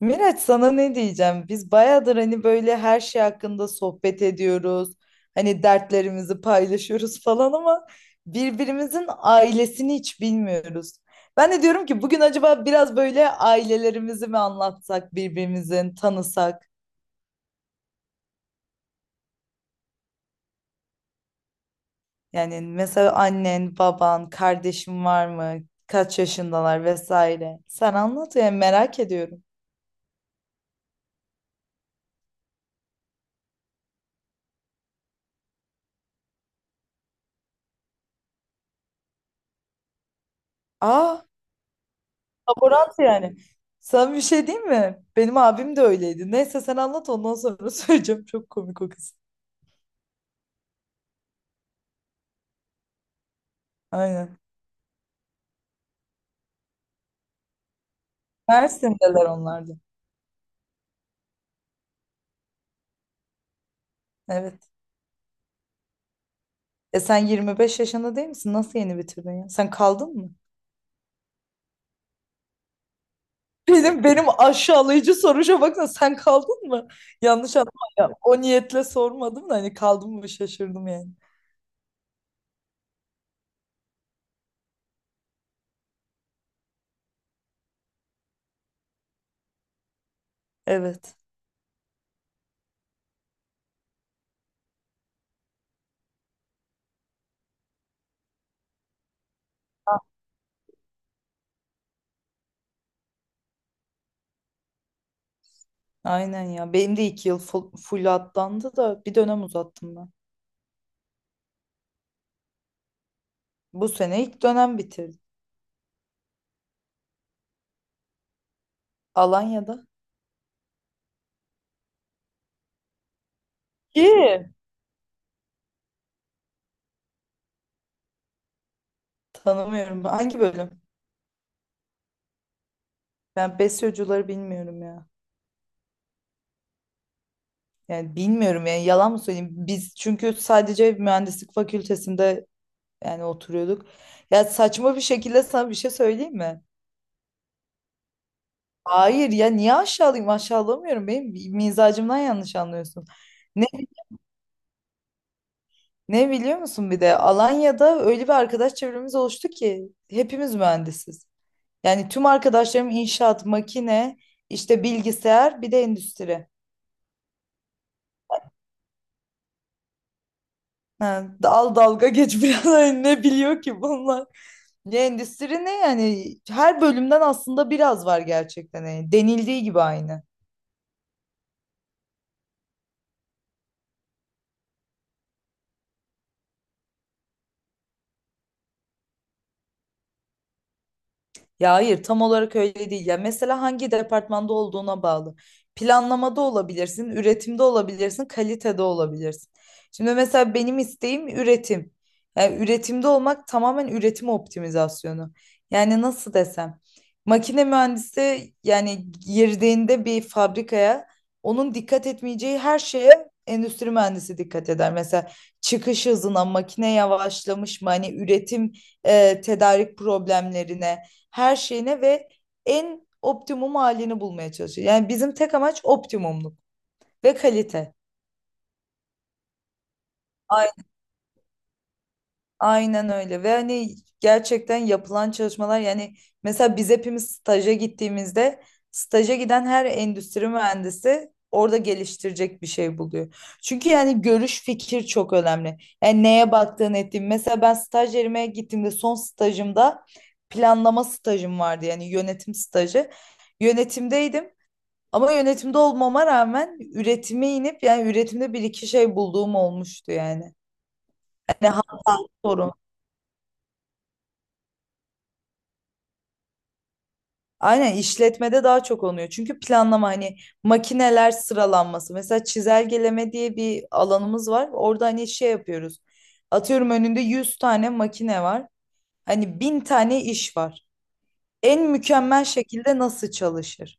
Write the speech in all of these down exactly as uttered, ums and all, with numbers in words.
Miraç, sana ne diyeceğim? Biz bayağıdır hani böyle her şey hakkında sohbet ediyoruz. Hani dertlerimizi paylaşıyoruz falan ama birbirimizin ailesini hiç bilmiyoruz. Ben de diyorum ki bugün acaba biraz böyle ailelerimizi mi anlatsak, birbirimizin tanısak? Yani mesela annen, baban, kardeşin var mı? Kaç yaşındalar vesaire. Sen anlat yani merak ediyorum. Aa. Laborant yani. Sen bir şey değil mi? Benim abim de öyleydi. Neyse sen anlat ondan sonra söyleyeceğim. Çok komik o kız. Aynen. Mersin'deler onlardı. Evet. E sen yirmi beş yaşında değil misin? Nasıl yeni bitirdin ya? Sen kaldın mı? Benim benim aşağılayıcı soruşa baksana, sen kaldın mı? Yanlış anlama ya. O niyetle sormadım da hani kaldın mı, şaşırdım yani. Evet. Aynen ya. Benim de iki yıl full, full atlandı da bir dönem uzattım ben. Bu sene ilk dönem bitirdim. Alanya'da. İyi. Tanımıyorum. Hangi bölüm? Ben besyocuları bilmiyorum ya. Yani bilmiyorum yani, yalan mı söyleyeyim? Biz çünkü sadece mühendislik fakültesinde yani oturuyorduk. Ya saçma bir şekilde sana bir şey söyleyeyim mi? Hayır ya, niye aşağılayayım? Aşağılamıyorum. Benim mizacımdan yanlış anlıyorsun. Ne, ne biliyor musun, bir de Alanya'da öyle bir arkadaş çevremiz oluştu ki hepimiz mühendisiz. Yani tüm arkadaşlarım inşaat, makine, işte bilgisayar bir de endüstri. Ha, dal dalga geç biraz. Hani ne biliyor ki bunlar? Ya endüstri ne yani? Her bölümden aslında biraz var gerçekten. Yani denildiği gibi aynı. Ya hayır, tam olarak öyle değil. Ya mesela hangi departmanda olduğuna bağlı. Planlamada olabilirsin, üretimde olabilirsin, kalitede olabilirsin. Şimdi mesela benim isteğim üretim. Yani üretimde olmak tamamen üretim optimizasyonu. Yani nasıl desem, makine mühendisi yani girdiğinde bir fabrikaya, onun dikkat etmeyeceği her şeye endüstri mühendisi dikkat eder. Mesela çıkış hızına, makine yavaşlamış mı, hani üretim e, tedarik problemlerine, her şeyine ve en optimum halini bulmaya çalışıyor. Yani bizim tek amaç optimumluk ve kalite. Ay- Aynen öyle. Ve hani gerçekten yapılan çalışmalar yani, mesela biz hepimiz staja gittiğimizde, staja giden her endüstri mühendisi orada geliştirecek bir şey buluyor. Çünkü yani görüş, fikir çok önemli. Yani neye baktığın ettiğin. Mesela ben staj yerime gittiğimde, son stajımda planlama stajım vardı, yani yönetim stajı. Yönetimdeydim. Ama yönetimde olmama rağmen üretime inip yani üretimde bir iki şey bulduğum olmuştu yani. Hani hata, sorun. Aynen, işletmede daha çok oluyor. Çünkü planlama hani makineler sıralanması. Mesela çizelgeleme diye bir alanımız var. Orada hani şey yapıyoruz. Atıyorum önünde yüz tane makine var. Hani bin tane iş var. En mükemmel şekilde nasıl çalışır?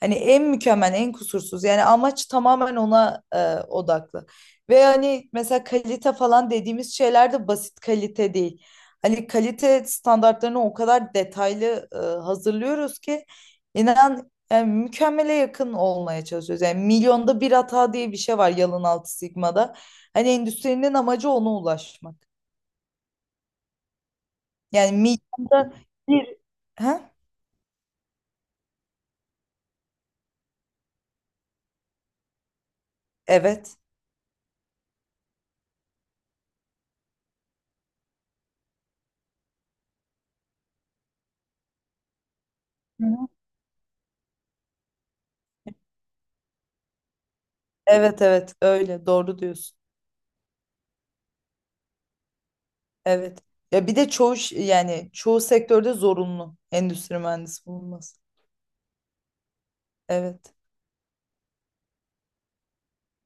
Hani en mükemmel, en kusursuz. Yani amaç tamamen ona e, odaklı. Ve hani mesela kalite falan dediğimiz şeyler de basit kalite değil. Hani kalite standartlarını o kadar detaylı e, hazırlıyoruz ki inan yani mükemmele yakın olmaya çalışıyoruz. Yani milyonda bir hata diye bir şey var Yalın Altı Sigma'da. Hani endüstrinin amacı ona ulaşmak. Yani milyonda bir... Ha? Evet. Hı hı. Evet, evet, öyle doğru diyorsun. Evet. Ya bir de çoğu ş- yani çoğu sektörde zorunlu endüstri mühendisi bulunması. Evet.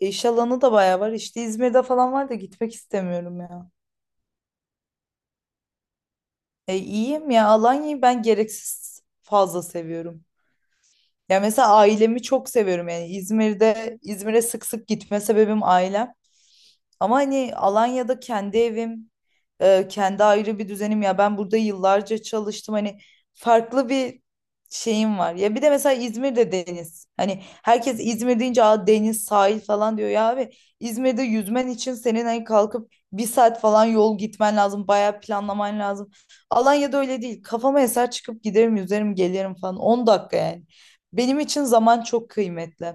E iş alanı da bayağı var. İşte İzmir'de falan var da gitmek istemiyorum ya. E iyiyim ya. Alanya'yı ben gereksiz fazla seviyorum. Ya mesela ailemi çok seviyorum yani İzmir'de, İzmir'e sık sık gitme sebebim ailem. Ama hani Alanya'da kendi evim, e, kendi ayrı bir düzenim ya. Ben burada yıllarca çalıştım. Hani farklı bir şeyim var. Ya bir de mesela İzmir'de deniz. Hani herkes İzmir deyince, "Aa, deniz, sahil" falan diyor. Ya abi, İzmir'de yüzmen için senin hani kalkıp bir saat falan yol gitmen lazım. Bayağı planlaman lazım. Alanya'da öyle değil. Kafama eser, çıkıp giderim, yüzerim, gelirim falan. On dakika yani. Benim için zaman çok kıymetli.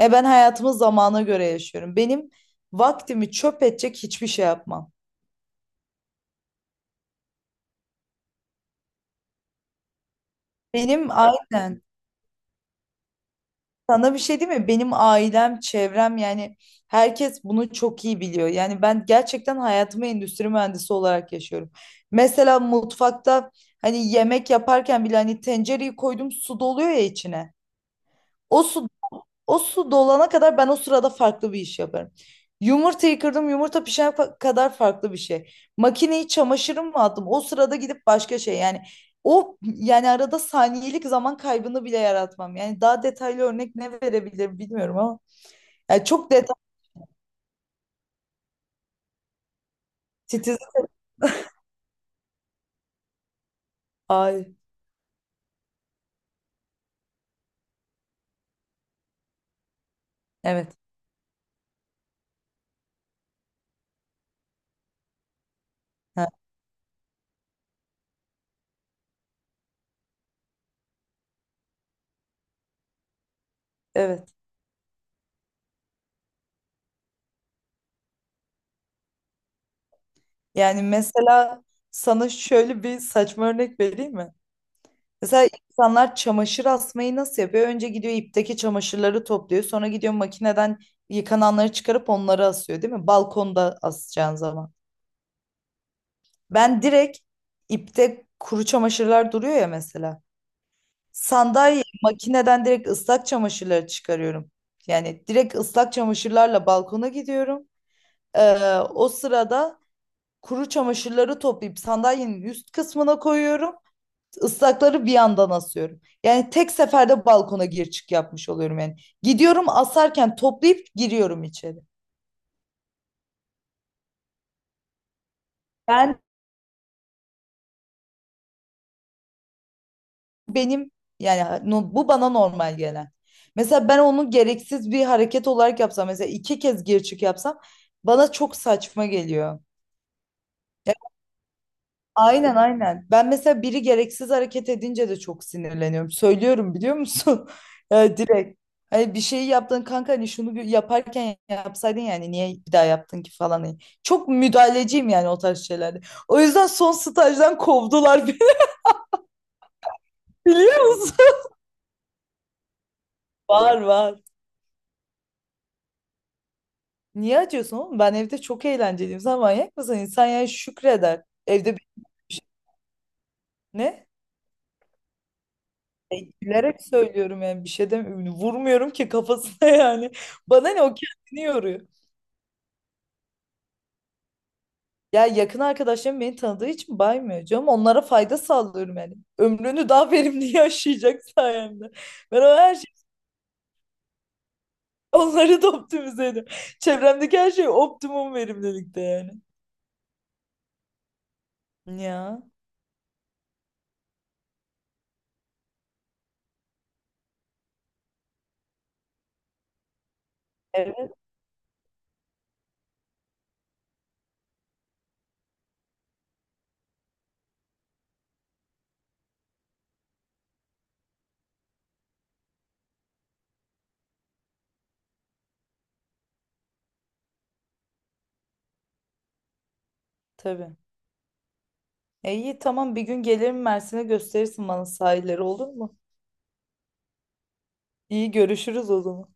E ben hayatımı zamana göre yaşıyorum. Benim vaktimi çöp edecek hiçbir şey yapmam. Benim Ya, aynen. Sana bir şey değil mi? Benim ailem, çevrem yani herkes bunu çok iyi biliyor. Yani ben gerçekten hayatımı endüstri mühendisi olarak yaşıyorum. Mesela mutfakta hani yemek yaparken bile, hani tencereyi koydum, su doluyor ya içine. O su O su dolana kadar ben o sırada farklı bir iş yaparım. Yumurtayı kırdım, yumurta pişene fa- kadar farklı bir şey. Makineyi, çamaşırım mı attım? O sırada gidip başka şey yani o yani arada saniyelik zaman kaybını bile yaratmam. Yani daha detaylı örnek ne verebilirim bilmiyorum ama yani çok detay, titiz. Ay, evet. Ha, evet. Yani mesela sana şöyle bir saçma örnek vereyim mi? Mesela insanlar çamaşır asmayı nasıl yapıyor? Önce gidiyor, ipteki çamaşırları topluyor. Sonra gidiyor, makineden yıkananları çıkarıp onları asıyor, değil mi? Balkonda asacağın zaman. Ben direkt, ipte kuru çamaşırlar duruyor ya mesela. Sandalye, makineden direkt ıslak çamaşırları çıkarıyorum. Yani direkt ıslak çamaşırlarla balkona gidiyorum. Ee, o sırada kuru çamaşırları toplayıp sandalyenin üst kısmına koyuyorum. Islakları bir yandan asıyorum. Yani tek seferde balkona gir çık yapmış oluyorum yani. Gidiyorum, asarken toplayıp giriyorum içeri. Ben Benim yani no- bu bana normal gelen. Mesela ben onu gereksiz bir hareket olarak yapsam, mesela iki kez gir çık yapsam, bana çok saçma geliyor. Aynen, aynen. Ben mesela biri gereksiz hareket edince de çok sinirleniyorum. Söylüyorum, biliyor musun? Ya direkt. Hani bir şeyi yaptın kanka, hani şunu bir yaparken yapsaydın, yani niye bir daha yaptın ki falan. Hani çok müdahaleciyim yani o tarz şeylerde. O yüzden son stajdan kovdular beni biliyor musun? Var, var. Niye acıyorsun oğlum? Ben evde çok eğlenceliyim. Sen manyak mısın? İnsan yani şükreder. Evde bir şey. Ne? E, Gülerek söylüyorum yani, bir şey demiyorum. Vurmuyorum ki kafasına yani. Bana ne, o kendini yoruyor. Ya yakın arkadaşlarım beni tanıdığı için baymıyor canım. Onlara fayda sağlıyorum yani. Ömrünü daha verimli yaşayacak sayemde. Ben o her şey onları da optimize ediyorum. Çevremdeki her şey optimum verimlilikte yani. Ya. Evet, tabii. E iyi, tamam, bir gün gelirim Mersin'e, gösterirsin bana sahilleri, olur mu? İyi, görüşürüz o zaman.